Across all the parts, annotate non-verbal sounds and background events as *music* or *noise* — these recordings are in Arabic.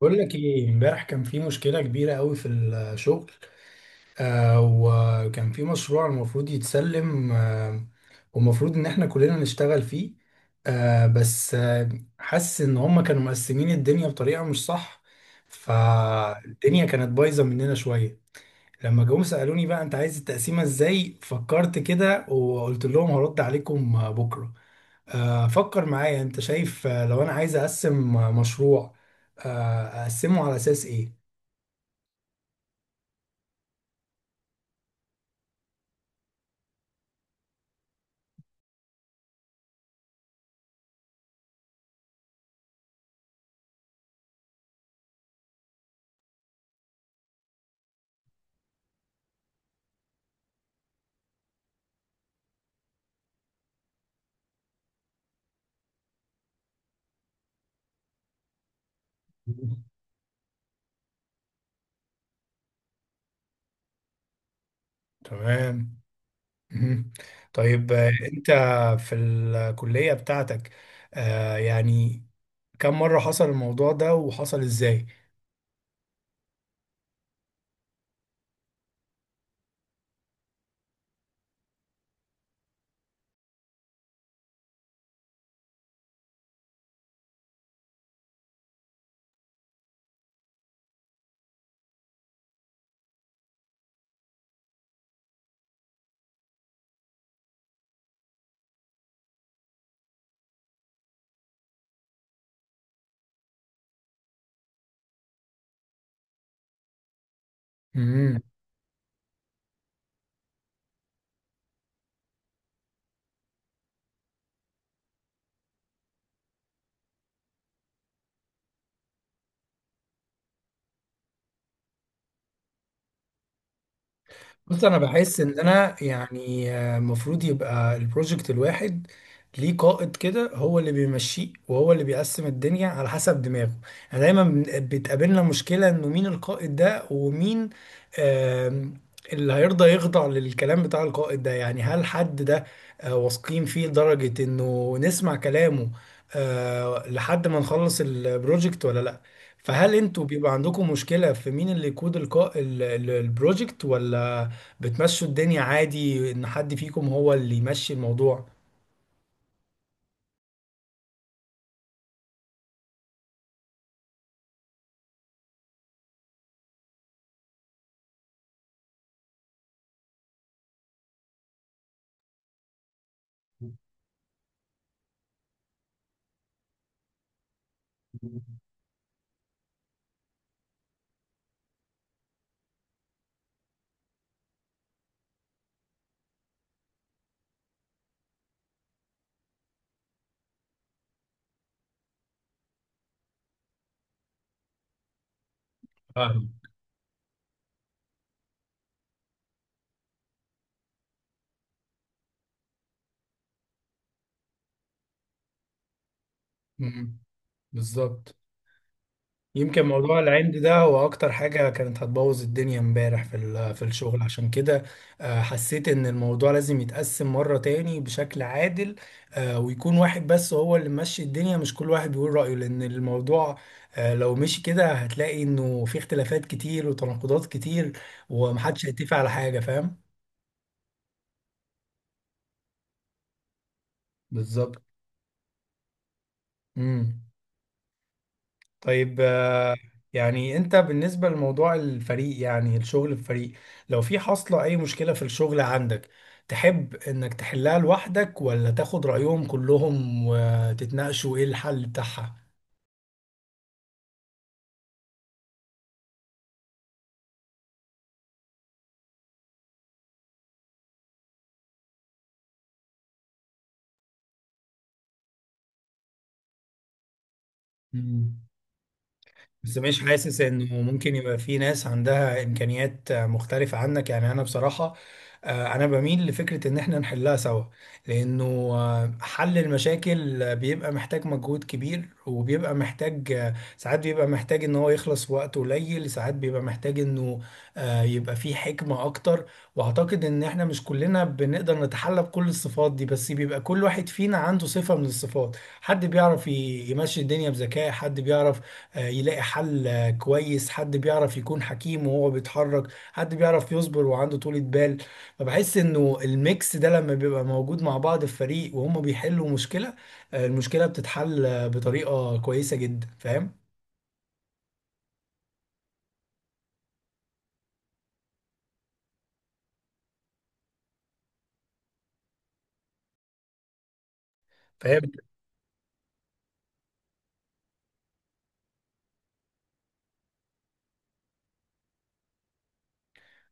بقول لك ايه، امبارح كان في مشكله كبيره قوي في الشغل. وكان في مشروع المفروض يتسلم والمفروض ان احنا كلنا نشتغل فيه. بس حاسس ان هم كانوا مقسمين الدنيا بطريقه مش صح، فالدنيا كانت بايظه مننا شويه. لما جم سالوني بقى انت عايز التقسيمه ازاي، فكرت كده وقلت لهم هرد عليكم بكره. فكر معايا، انت شايف لو انا عايز اقسم مشروع، اقسمه على اساس ايه؟ تمام. مهم. طيب، انت في الكلية بتاعتك، يعني كم مرة حصل الموضوع ده وحصل ازاي؟ بص، انا بحس ان انا يعني المفروض يبقى البروجكت الواحد ليه قائد كده، هو اللي بيمشيه وهو اللي بيقسم الدنيا على حسب دماغه. انا دايما بتقابلنا مشكلة انه مين القائد ده، ومين آم، اللي هيرضى يخضع للكلام بتاع القائد ده. يعني هل حد ده واثقين فيه لدرجة انه نسمع كلامه لحد ما نخلص البروجكت، ولا لا؟ فهل انتوا بيبقى عندكم مشكلة في مين اللي يقود البروجكت، ولا بتمشوا الدنيا عادي ان حد فيكم هو اللي يمشي الموضوع؟ فاهم. مم. بالظبط. يمكن موضوع العند ده هو اكتر حاجة كانت هتبوظ الدنيا امبارح في الشغل. عشان كده حسيت ان الموضوع لازم يتقسم مرة تاني بشكل عادل، ويكون واحد بس هو اللي ماشي الدنيا، مش كل واحد بيقول رأيه. لان الموضوع لو مشي كده هتلاقي انه في اختلافات كتير وتناقضات كتير، ومحدش هيتفق على حاجة. فاهم. بالظبط. امم. طيب، يعني انت بالنسبة لموضوع الفريق، يعني الشغل في فريق، لو في حاصلة اي مشكلة في الشغل عندك، تحب انك تحلها لوحدك، ولا تاخد رأيهم كلهم وتتناقشوا ايه الحل بتاعها؟ بس مش حاسس انه ممكن يبقى في ناس عندها امكانيات مختلفة عنك؟ يعني انا بصراحة انا بميل لفكرة ان احنا نحلها سوا، لانه حل المشاكل بيبقى محتاج مجهود كبير، وبيبقى محتاج ساعات بيبقى محتاج ان هو يخلص في وقت قليل، ساعات بيبقى محتاج انه يبقى فيه حكمة اكتر. واعتقد ان احنا مش كلنا بنقدر نتحلى بكل الصفات دي، بس بيبقى كل واحد فينا عنده صفة من الصفات. حد بيعرف يمشي الدنيا بذكاء، حد بيعرف يلاقي حل كويس، حد بيعرف يكون حكيم وهو بيتحرك، حد بيعرف يصبر وعنده طولة بال. فبحس انه الميكس ده لما بيبقى موجود مع بعض في فريق وهم بيحلوا مشكلة، المشكلة بتتحل بطريقة كويسة جدا. فاهم. فهي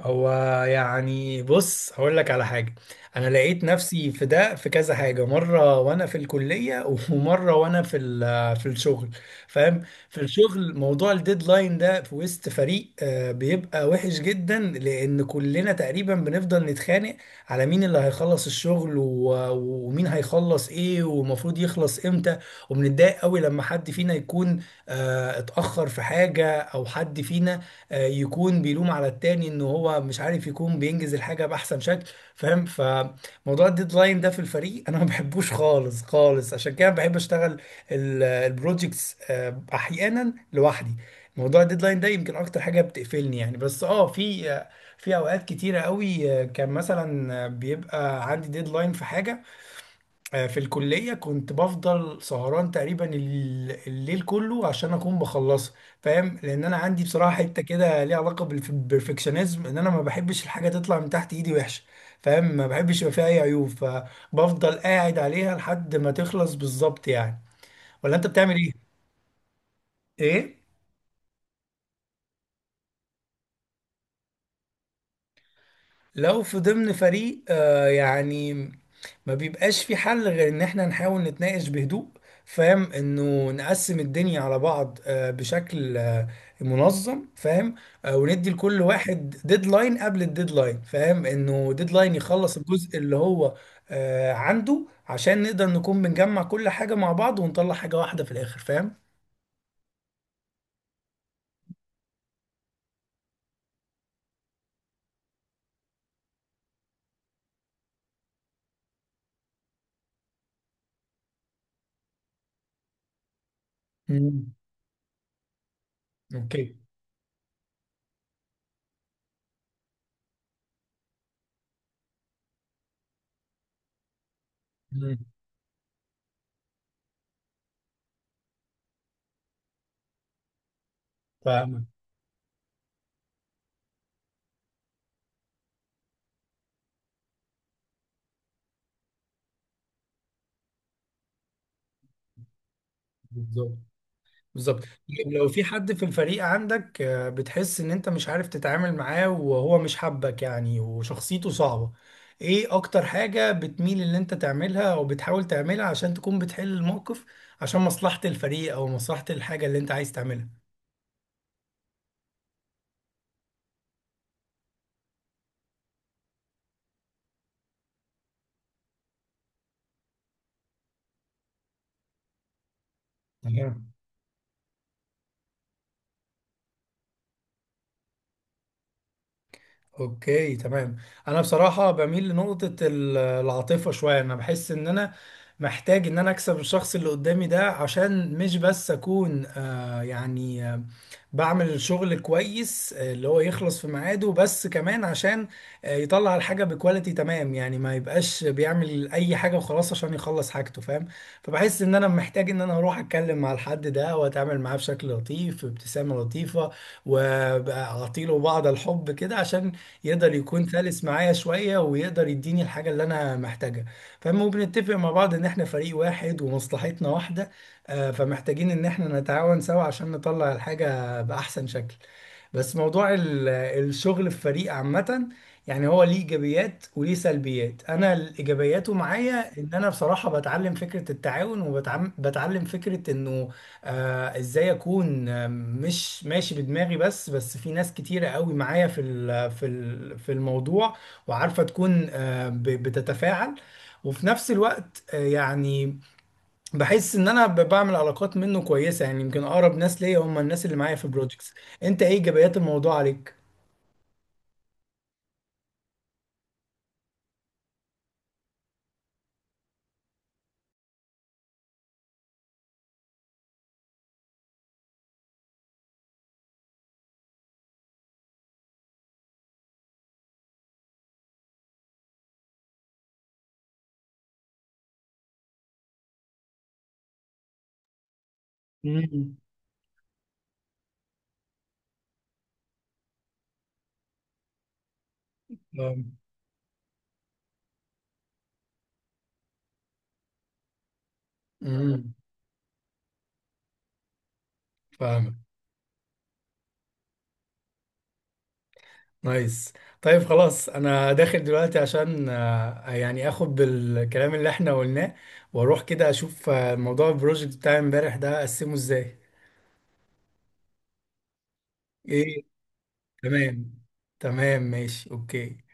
هو يعني بص، هقول لك على حاجة. أنا لقيت نفسي في كذا حاجة مرة وأنا في الكلية *laughs* ومرة وأنا في الشغل. فاهم. في الشغل موضوع الديدلاين ده في وسط فريق بيبقى وحش جدا، لأن كلنا تقريبا بنفضل نتخانق على مين اللي هيخلص الشغل ومين هيخلص إيه ومفروض يخلص إمتى. وبنتضايق قوي لما حد فينا يكون اتأخر في حاجة، أو حد فينا يكون بيلوم على التاني ان هو مش عارف يكون بينجز الحاجه باحسن شكل. فاهم. فموضوع الديدلاين ده في الفريق *laughs* انا ما بحبوش خالص خالص، عشان كده بحب اشتغل البروجكتس احيانا لوحدي. موضوع الديدلاين ده يمكن اكتر حاجه بتقفلني يعني. بس في اوقات كتيره قوي كان مثلا بيبقى عندي ديدلاين في حاجه، في الكلية كنت بفضل سهران تقريبا الليل كله عشان أكون بخلصها. فاهم، لأن أنا عندي بصراحة حتة كده ليها علاقة بالبرفكشنزم، إن أنا ما بحبش الحاجة تطلع من تحت إيدي وحشة. فاهم. ما بحبش يبقى فيها أي عيوب، فبفضل قاعد عليها لحد ما تخلص بالظبط يعني. ولا أنت بتعمل إيه؟ إيه؟ لو في ضمن فريق يعني، ما بيبقاش في حل غير ان احنا نحاول نتناقش بهدوء. فاهم، انه نقسم الدنيا على بعض بشكل منظم. فاهم. وندي لكل واحد ديدلاين قبل الديدلاين. فاهم، انه ديدلاين يخلص الجزء اللي هو عنده، عشان نقدر نكون بنجمع كل حاجة مع بعض ونطلع حاجة واحدة في الاخر. فاهم. مم. اوكي. مم. فاهمك. بالظبط. بالظبط. طيب لو في حد في الفريق عندك، بتحس ان انت مش عارف تتعامل معاه وهو مش حابك يعني، وشخصيته صعبة، ايه اكتر حاجة بتميل ان انت تعملها او بتحاول تعملها عشان تكون بتحل الموقف، عشان مصلحة الفريق او مصلحة الحاجة اللي انت عايز تعملها؟ اوكي، تمام. انا بصراحه بميل لنقطه العاطفه شويه. انا بحس ان انا محتاج ان انا اكسب الشخص اللي قدامي ده، عشان مش بس اكون يعني بعمل الشغل كويس، اللي هو يخلص في ميعاده، بس كمان عشان يطلع الحاجه بكواليتي تمام يعني، ما يبقاش بيعمل اي حاجه وخلاص عشان يخلص حاجته. فاهم. فبحس ان انا محتاج ان انا اروح اتكلم مع الحد ده، واتعامل معاه بشكل لطيف بابتسامه لطيفه، واعطيله بعض الحب كده عشان يقدر يكون سلس معايا شوية، ويقدر يديني الحاجة اللي أنا محتاجها. فاهم. وبنتفق مع بعض إن إحنا فريق واحد ومصلحتنا واحدة، فمحتاجين إن إحنا نتعاون سوا عشان نطلع الحاجة بأحسن شكل. بس موضوع الشغل في فريق عامة، يعني هو ليه إيجابيات وليه سلبيات. أنا الإيجابياته معايا إن أنا بصراحة بتعلم فكرة التعاون، وبتعلم فكرة إنه ازاي اكون مش ماشي بدماغي بس، بس في ناس كتيرة قوي معايا في الموضوع، وعارفة تكون بتتفاعل. وفي نفس الوقت يعني بحس ان انا بعمل علاقات منه كويسة، يعني يمكن اقرب ناس ليا هم الناس اللي معايا في بروجكتس. انت ايه ايجابيات الموضوع عليك؟ مم. نعم. امم. فاهمك. نايس. طيب خلاص انا داخل دلوقتي عشان يعني اخد بالكلام اللي احنا قلناه، واروح كده اشوف موضوع البروجكت بتاع امبارح ده اقسمه ازاي. ايه تمام. تمام ماشي اوكي.